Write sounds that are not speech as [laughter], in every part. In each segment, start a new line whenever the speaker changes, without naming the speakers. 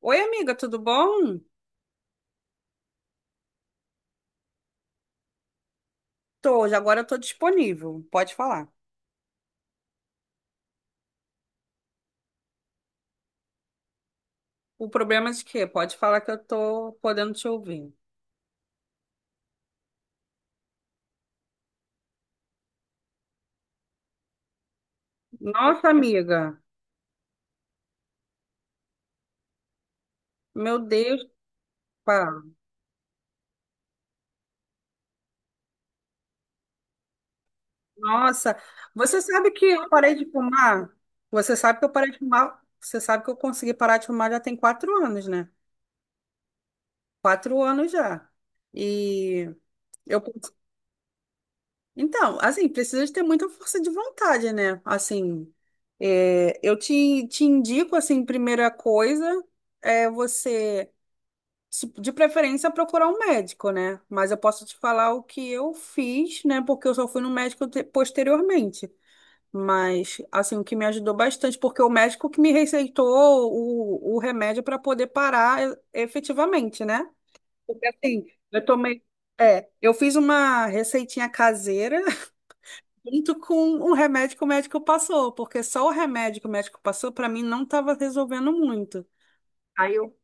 Oi, amiga, tudo bom? Tô, já agora eu tô disponível, pode falar. O problema é de quê? Pode falar que eu tô podendo te ouvir. Nossa, amiga, meu Deus, pá. Nossa, você sabe que eu parei de fumar? Você sabe que eu parei de fumar? Você sabe que eu consegui parar de fumar já tem quatro anos, né? Quatro anos já. E eu Então, assim, precisa de ter muita força de vontade, né? Assim, eu te indico, assim, primeira coisa é você, de preferência, procurar um médico, né? Mas eu posso te falar o que eu fiz, né? Porque eu só fui no médico posteriormente. Mas, assim, o que me ajudou bastante, porque o médico que me receitou o remédio para poder parar efetivamente, né? Porque, assim, eu tomei. Eu fiz uma receitinha caseira junto com o remédio que o médico passou, porque só o remédio que o médico passou, para mim, não estava resolvendo muito. Aí eu,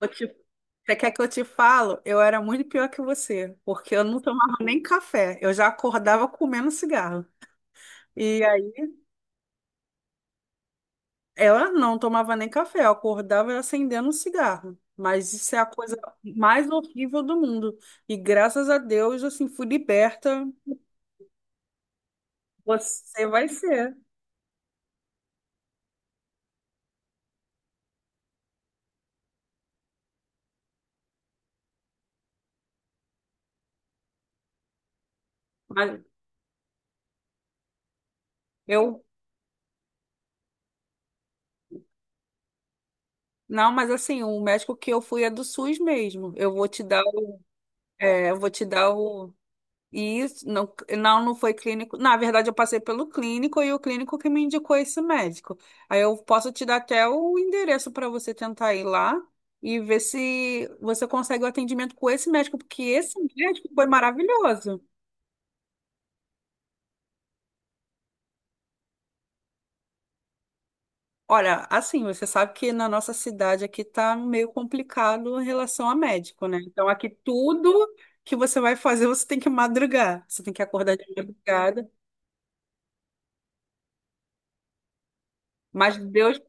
eu te- você quer que eu te falo? Eu era muito pior que você, porque eu não tomava nem café, eu já acordava comendo cigarro. E aí ela não tomava nem café, eu acordava acendendo um cigarro. Mas isso é a coisa mais horrível do mundo. E graças a Deus, assim, fui liberta. Você vai ser. Mas eu Não, mas assim, o médico que eu fui é do SUS mesmo. Eu vou te dar o. Eu vou te dar o. Isso, não, não foi clínico. Na verdade, eu passei pelo clínico e o clínico que me indicou esse médico. Aí eu posso te dar até o endereço para você tentar ir lá e ver se você consegue o atendimento com esse médico, porque esse médico foi maravilhoso. Olha, assim, você sabe que na nossa cidade aqui tá meio complicado em relação a médico, né? Então aqui tudo que você vai fazer, você tem que madrugar, você tem que acordar de madrugada. Mas Deus,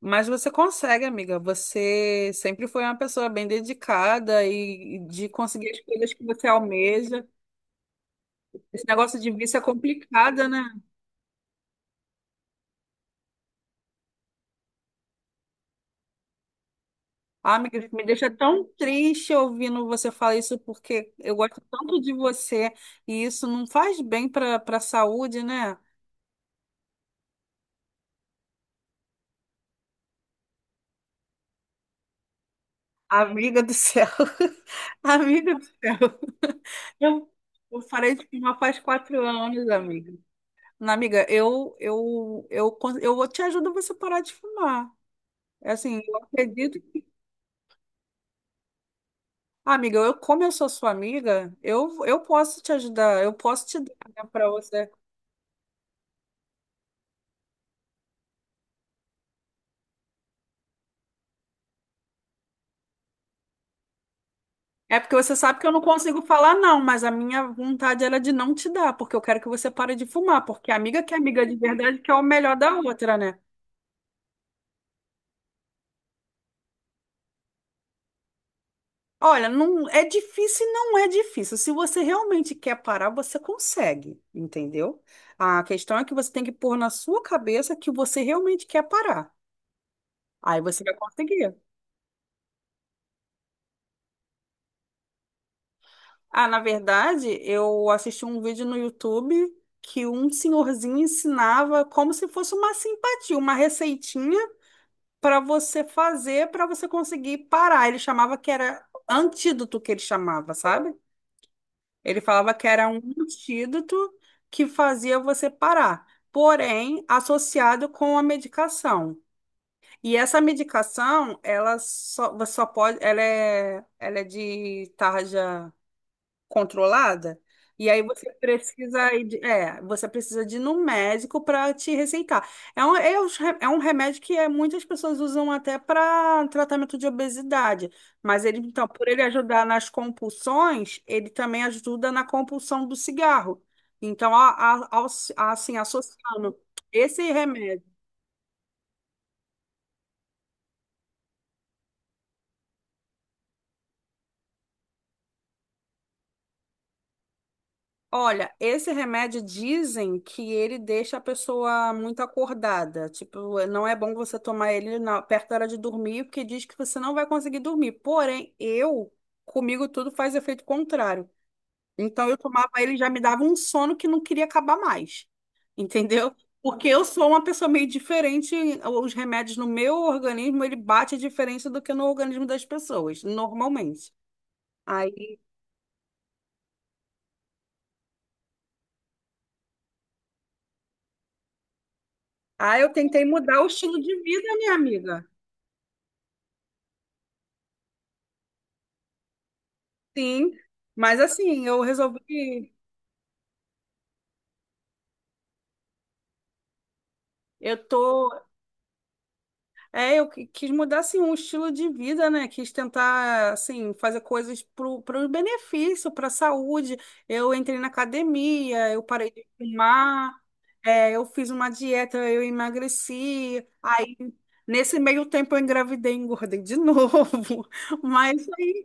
mas você consegue, amiga. Você sempre foi uma pessoa bem dedicada e de conseguir as coisas que você almeja. Esse negócio de vício é complicado, né? Ah, amiga, me deixa tão triste ouvindo você falar isso porque eu gosto tanto de você e isso não faz bem para a saúde, né? Amiga do céu. [laughs] Amiga do céu. [laughs] Eu, eu parei de fumar faz quatro anos, amiga. Não, amiga, eu vou te ajudo você parar de fumar. É Assim, eu acredito. Ah, Amiga, como eu sou sua amiga, eu posso te ajudar, eu posso te dar, né, para você. É porque você sabe que eu não consigo falar não, mas a minha vontade era de não te dar, porque eu quero que você pare de fumar, porque amiga que é amiga de verdade quer o melhor da outra, né? Olha, não é difícil, não é difícil. Se você realmente quer parar, você consegue, entendeu? A questão é que você tem que pôr na sua cabeça que você realmente quer parar. Aí você vai conseguir. Ah, na verdade, eu assisti um vídeo no YouTube que um senhorzinho ensinava como se fosse uma simpatia, uma receitinha para você fazer, para você conseguir parar. Ele chamava que era antídoto que ele chamava, sabe? Ele falava que era um antídoto que fazia você parar, porém associado com a medicação. E essa medicação, você só pode, ela é de tarja controlada. E aí você precisa ir você precisa de ir no médico para te receitar. É é um remédio que é, muitas pessoas usam até para tratamento de obesidade. Mas ele, então, por ele ajudar nas compulsões, ele também ajuda na compulsão do cigarro. Então, assim, associando esse remédio Olha, esse remédio dizem que ele deixa a pessoa muito acordada. Tipo, não é bom você tomar ele perto da hora de dormir, porque diz que você não vai conseguir dormir. Porém, comigo tudo faz efeito contrário. Então, eu tomava ele e já me dava um sono que não queria acabar mais. Entendeu? Porque eu sou uma pessoa meio diferente. Os remédios no meu organismo, ele bate a diferença do que no organismo das pessoas, normalmente. Aí, aí eu tentei mudar o estilo de vida, minha amiga. Sim, mas assim, eu resolvi, eu tô, quis mudar assim um estilo de vida, né? Quis tentar assim fazer coisas pro benefício, para saúde. Eu entrei na academia, eu parei de fumar, eu fiz uma dieta, eu emagreci. Aí nesse meio tempo eu engravidei, e engordei de [laughs] novo. Mas assim,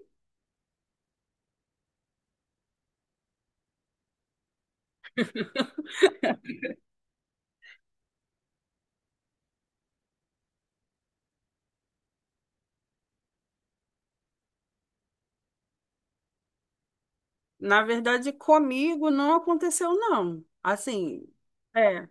na verdade comigo não aconteceu não. Assim, é.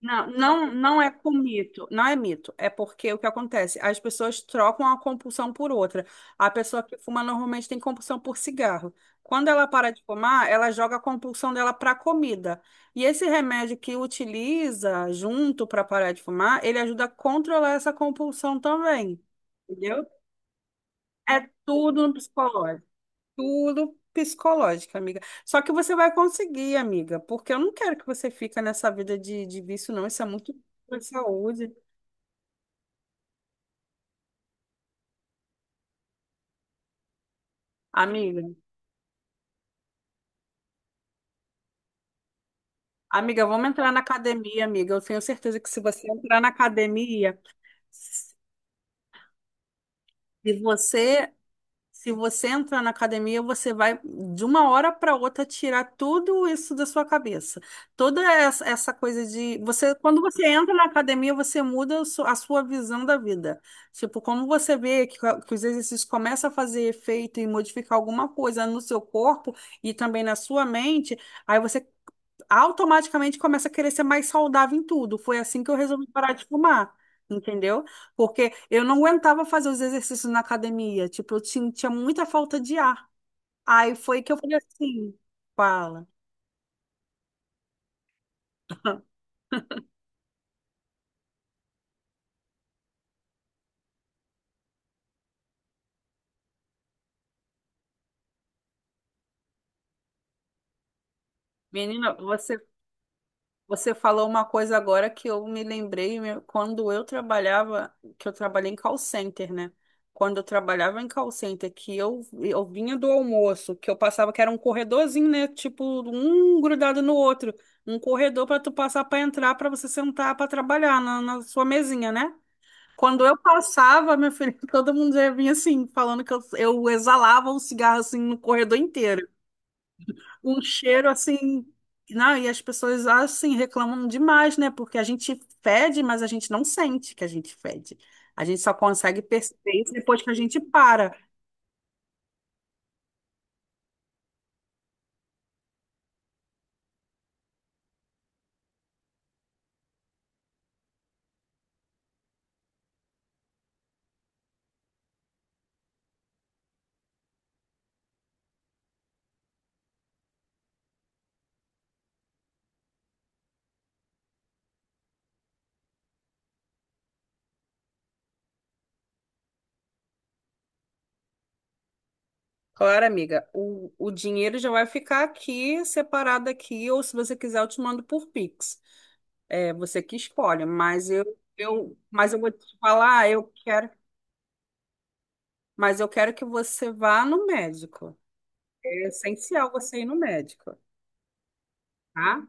Não, não é com mito, não é mito, é porque o que acontece? As pessoas trocam a compulsão por outra. A pessoa que fuma normalmente tem compulsão por cigarro. Quando ela para de fumar, ela joga a compulsão dela para comida. E esse remédio que utiliza junto para parar de fumar, ele ajuda a controlar essa compulsão também. Entendeu? É tudo no psicológico. Tudo psicológico, amiga. Só que você vai conseguir, amiga, porque eu não quero que você fique nessa vida de vício, não. Isso é muito para saúde. Amiga, amiga, vamos entrar na academia, amiga. Eu tenho certeza que se você entrar na academia, se você Se você entrar na academia, você vai de uma hora para outra tirar tudo isso da sua cabeça. Toda essa coisa de você, quando você entra na academia, você muda o a sua visão da vida. Tipo, como você vê que os exercícios começam a fazer efeito e modificar alguma coisa no seu corpo e também na sua mente, aí você automaticamente começa a querer ser mais saudável em tudo. Foi assim que eu resolvi parar de fumar, entendeu? Porque eu não aguentava fazer os exercícios na academia, tipo, tinha muita falta de ar. Aí foi que eu falei assim, fala, menina, você Você falou uma coisa agora que eu me lembrei meu, quando eu trabalhava, que eu trabalhei em call center, né? Quando eu trabalhava em call center, que eu vinha do almoço, que eu passava, que era um corredorzinho, né? Tipo, um grudado no outro. Um corredor para tu passar para entrar, para você sentar para trabalhar na sua mesinha, né? Quando eu passava, meu filho, [laughs] todo mundo já vinha assim, falando que eu exalava um cigarro assim no corredor inteiro um cheiro assim. Não, e as pessoas assim reclamam demais, né? Porque a gente fede, mas a gente não sente que a gente fede. A gente só consegue perceber isso depois que a gente para. Claro, amiga, o dinheiro já vai ficar aqui, separado aqui, ou se você quiser, eu te mando por Pix. É você que escolhe, mas eu, mas eu vou te falar, eu quero, mas eu quero que você vá no médico. É essencial você ir no médico, tá?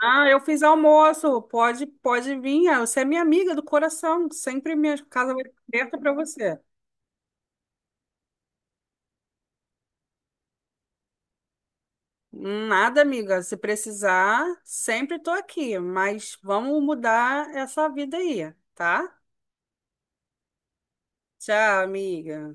Ah, eu fiz almoço. Pode, pode vir. Ah, Você é minha amiga do coração. Sempre minha casa vai estar aberta para você. Nada, amiga. Se precisar, sempre estou aqui. Mas vamos mudar essa vida aí, tá? Tchau, amiga.